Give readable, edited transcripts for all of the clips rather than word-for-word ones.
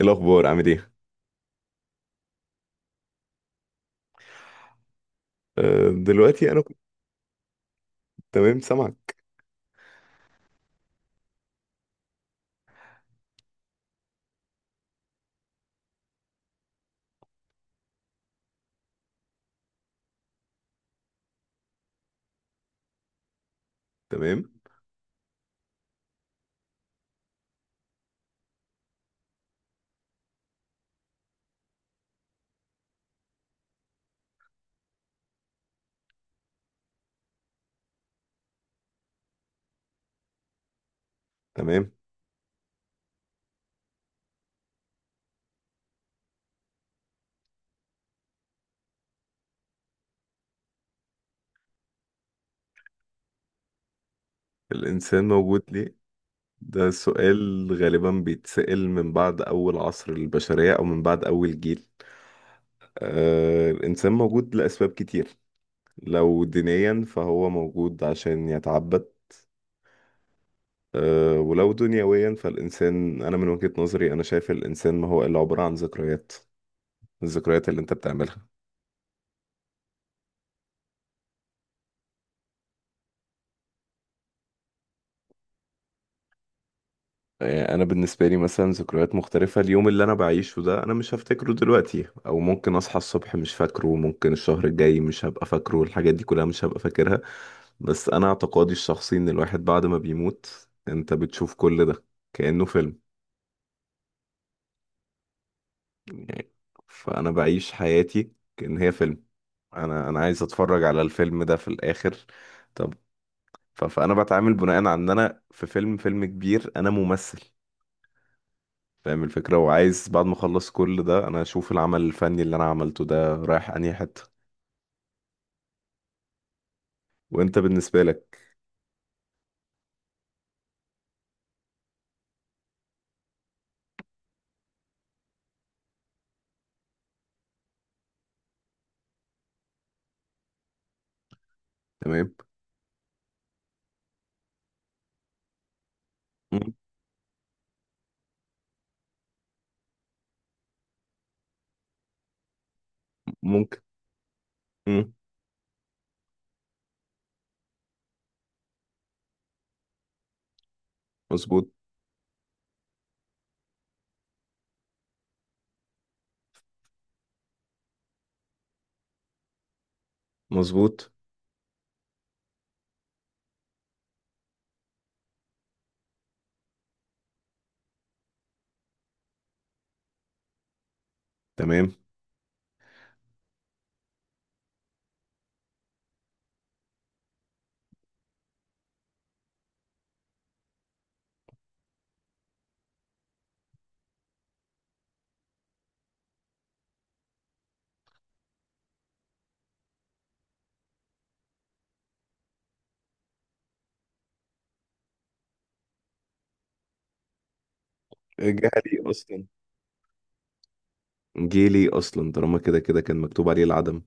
إيه الأخبار عامل إيه؟ دلوقتي أنا كنت. تمام، سامعك. تمام. تمام. الإنسان موجود ليه؟ ده سؤال غالبا بيتسأل من بعد أول عصر البشرية أو من بعد أول جيل. الإنسان موجود لأسباب كتير. لو دينيا فهو موجود عشان يتعبد. ولو دنيويا، فالإنسان أنا من وجهة نظري أنا شايف الإنسان ما هو إلا عبارة عن ذكريات. الذكريات اللي أنت بتعملها. يعني انا بالنسبه لي مثلا ذكريات مختلفه، اليوم اللي انا بعيشه ده انا مش هفتكره دلوقتي، او ممكن اصحى الصبح مش فاكره، ممكن الشهر الجاي مش هبقى فاكره الحاجات دي كلها، مش هبقى فاكرها. بس انا اعتقادي الشخصي ان الواحد بعد ما بيموت انت بتشوف كل ده كأنه فيلم. يعني فانا بعيش حياتي كأن هي فيلم. انا عايز اتفرج على الفيلم ده في الاخر. طب. فانا بتعامل بناء على ان انا في فيلم كبير، انا ممثل. فاهم الفكرة، وعايز بعد ما اخلص كل ده انا اشوف العمل الفني اللي انا عملته ده رايح انهي حتة. وانت بالنسبة لك؟ تمام. م- ممكن. م- مظبوط. مظبوط. تمام. جهلي اصلا جيلي اصلا طالما كده كده كان مكتوب عليه العدم.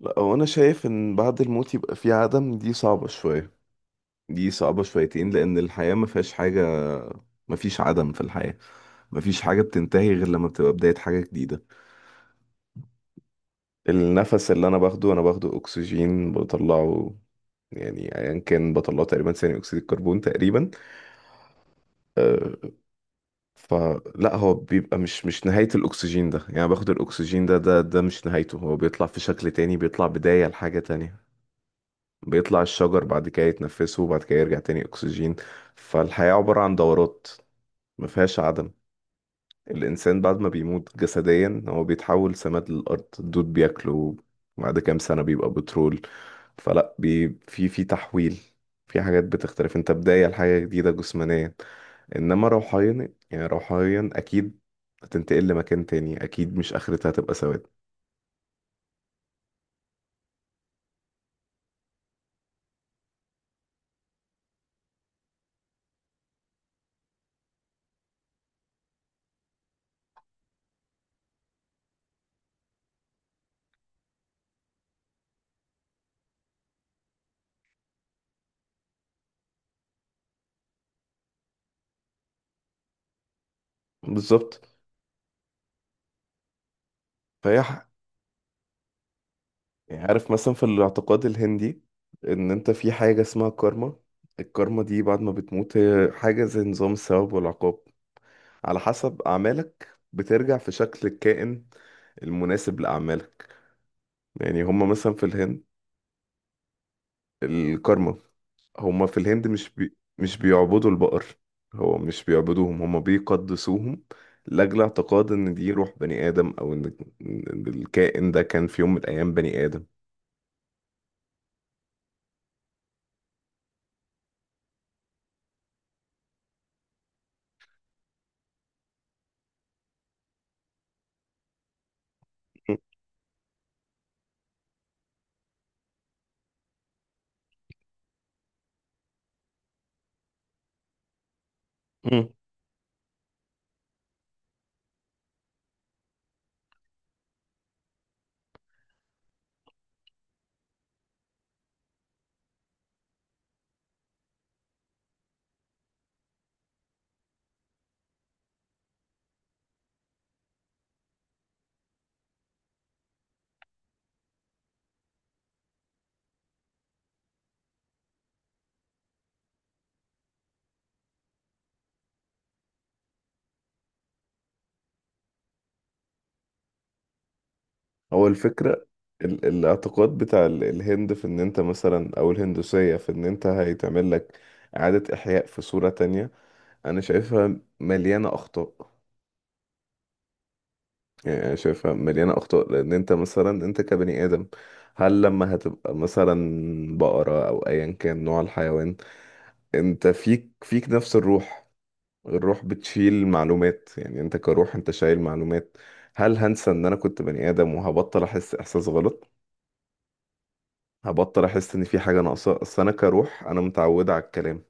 لا، هو انا شايف ان بعد الموت يبقى في عدم دي صعبة شوية. دي صعبة شويتين، لان الحياة ما فيهاش حاجة. ما فيش عدم في الحياة. ما فيش حاجة بتنتهي غير لما بتبقى بداية حاجة جديدة. النفس اللي انا باخده اكسجين بطلعه، يعني ايا كان بطلعه تقريبا ثاني اكسيد الكربون تقريبا. آه، فلا هو بيبقى مش نهاية الاكسجين ده، يعني باخد الاكسجين ده ده مش نهايته، هو بيطلع في شكل تاني، بيطلع بداية لحاجة تانية. بيطلع الشجر بعد كده يتنفسه وبعد كده يرجع تاني اكسجين. فالحياة عبارة عن دورات، ما فيهاش عدم. الإنسان بعد ما بيموت جسديا هو بيتحول سماد للأرض، الدود بياكله، بعد كام سنة بيبقى بترول. فلا في تحويل. في حاجات بتختلف، انت بداية لحاجة جديدة جسمانيا. انما روحيا، يعني روحيا اكيد هتنتقل لمكان تاني، اكيد مش اخرتها هتبقى سواد. بالظبط. فهي ح- يعني عارف مثلا في الاعتقاد الهندي ان انت في حاجة اسمها كارما. الكارما دي بعد ما بتموت هي حاجة زي نظام الثواب والعقاب. على حسب أعمالك بترجع في شكل الكائن المناسب لأعمالك. يعني هما مثلا في الهند. الكارما. هما في الهند مش بيعبدوا البقر. هو مش بيعبدوهم، هما بيقدسوهم. لأجل اعتقاد إن دي روح بني آدم، أو إن الكائن ده كان في يوم من الأيام بني آدم. مم. هو الفكرة. الاعتقاد بتاع الهند في إن أنت مثلا، أو الهندوسية، في إن أنت هيتعمل لك إعادة إحياء في صورة تانية. انا شايفها مليانه اخطاء. يعني انا شايفها مليانه اخطاء، لان انت مثلا انت كبني ادم، هل لما هتبقى مثلا بقره او ايا كان نوع الحيوان، انت فيك نفس الروح. الروح بتشيل معلومات، يعني انت كروح انت شايل معلومات. هل هنسى ان انا كنت بني ادم وهبطل احس احساس غلط؟ هبطل احس ان في حاجه ناقصه، اصل انا كروح انا متعوده على الكلام.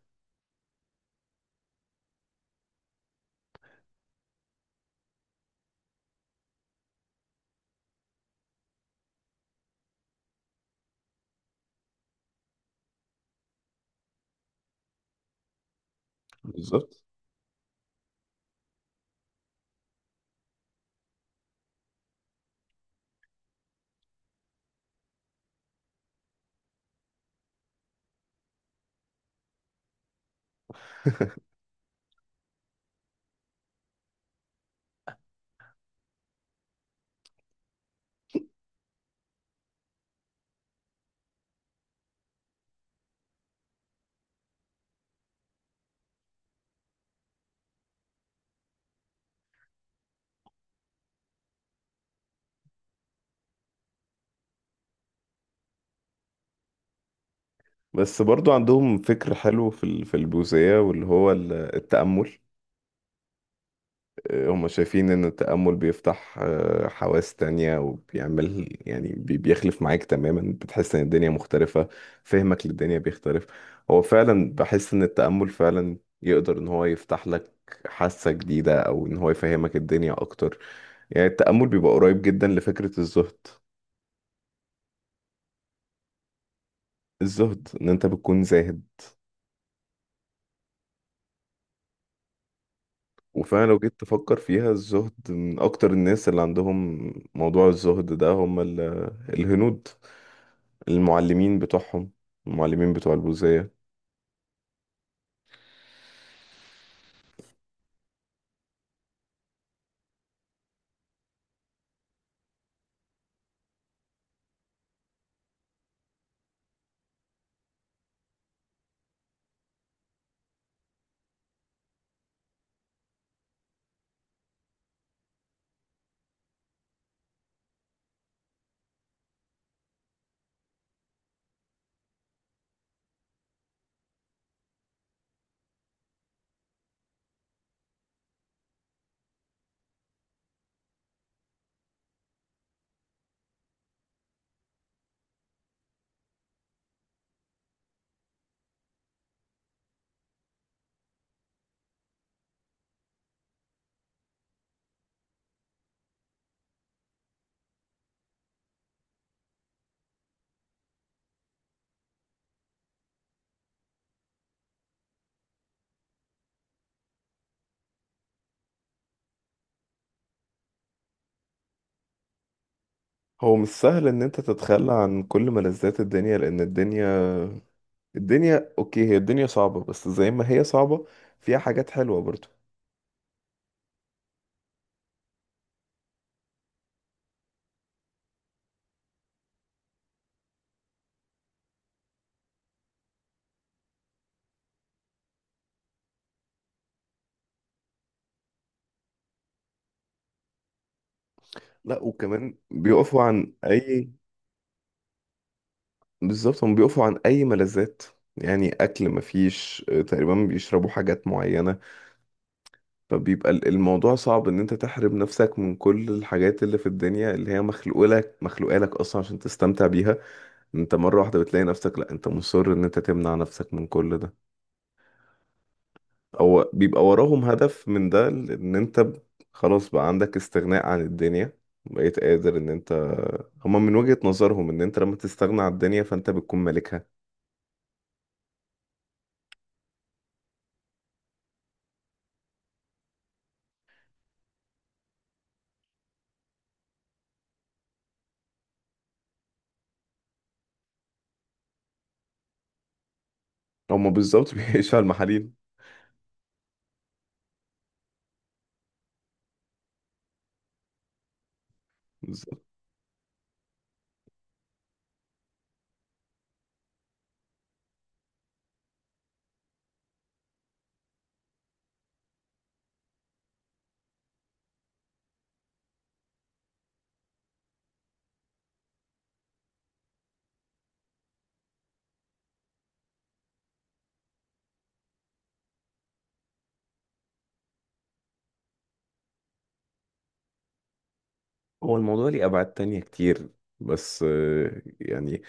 بالظبط. بس برضو عندهم فكر حلو في في البوذية، واللي هو التأمل. هم شايفين ان التأمل بيفتح حواس تانية، وبيعمل يعني بيخلف معاك تماما، بتحس ان الدنيا مختلفة، فهمك للدنيا بيختلف. هو فعلا بحس ان التأمل فعلا يقدر ان هو يفتح لك حاسة جديدة، او ان هو يفهمك الدنيا اكتر. يعني التأمل بيبقى قريب جدا لفكرة الزهد. الزهد ان انت بتكون زاهد. وفعلا لو جيت تفكر فيها، الزهد، من اكتر الناس اللي عندهم موضوع الزهد ده هم الهنود، المعلمين بتوعهم، المعلمين بتوع البوذية. هو مش سهل ان انت تتخلى عن كل ملذات الدنيا، لان الدنيا اوكي هي الدنيا صعبة، بس زي ما هي صعبة فيها حاجات حلوة برضو. لا، وكمان بيقفوا عن اي. بالظبط، هم بيقفوا عن اي ملذات. يعني اكل مفيش، تقريبا بيشربوا حاجات معينة. فبيبقى الموضوع صعب، ان انت تحرم نفسك من كل الحاجات اللي في الدنيا اللي هي مخلوقة لك، مخلوقة لك اصلا عشان تستمتع بيها. انت مرة واحدة بتلاقي نفسك، لا انت مصر ان انت تمنع نفسك من كل ده، او بيبقى وراهم هدف من ده ان انت خلاص بقى عندك استغناء عن الدنيا. بقيت قادر ان انت، هما من وجهة نظرهم ان انت لما تستغنى عن الدنيا فانت بتكون مالكها. هما بالظبط بيعيشوا على المحاليل. هو الموضوع ليه أبعاد تانية كتير، بس يعني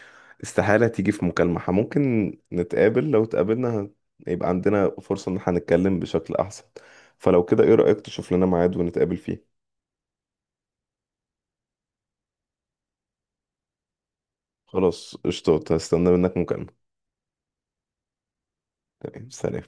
استحالة تيجي في مكالمة. ممكن نتقابل، لو اتقابلنا يبقى عندنا فرصة إن احنا نتكلم بشكل أحسن. فلو كده إيه رأيك تشوف لنا ميعاد ونتقابل فيه؟ خلاص قشطة، هستنى منك مكالمة. تمام، سلام.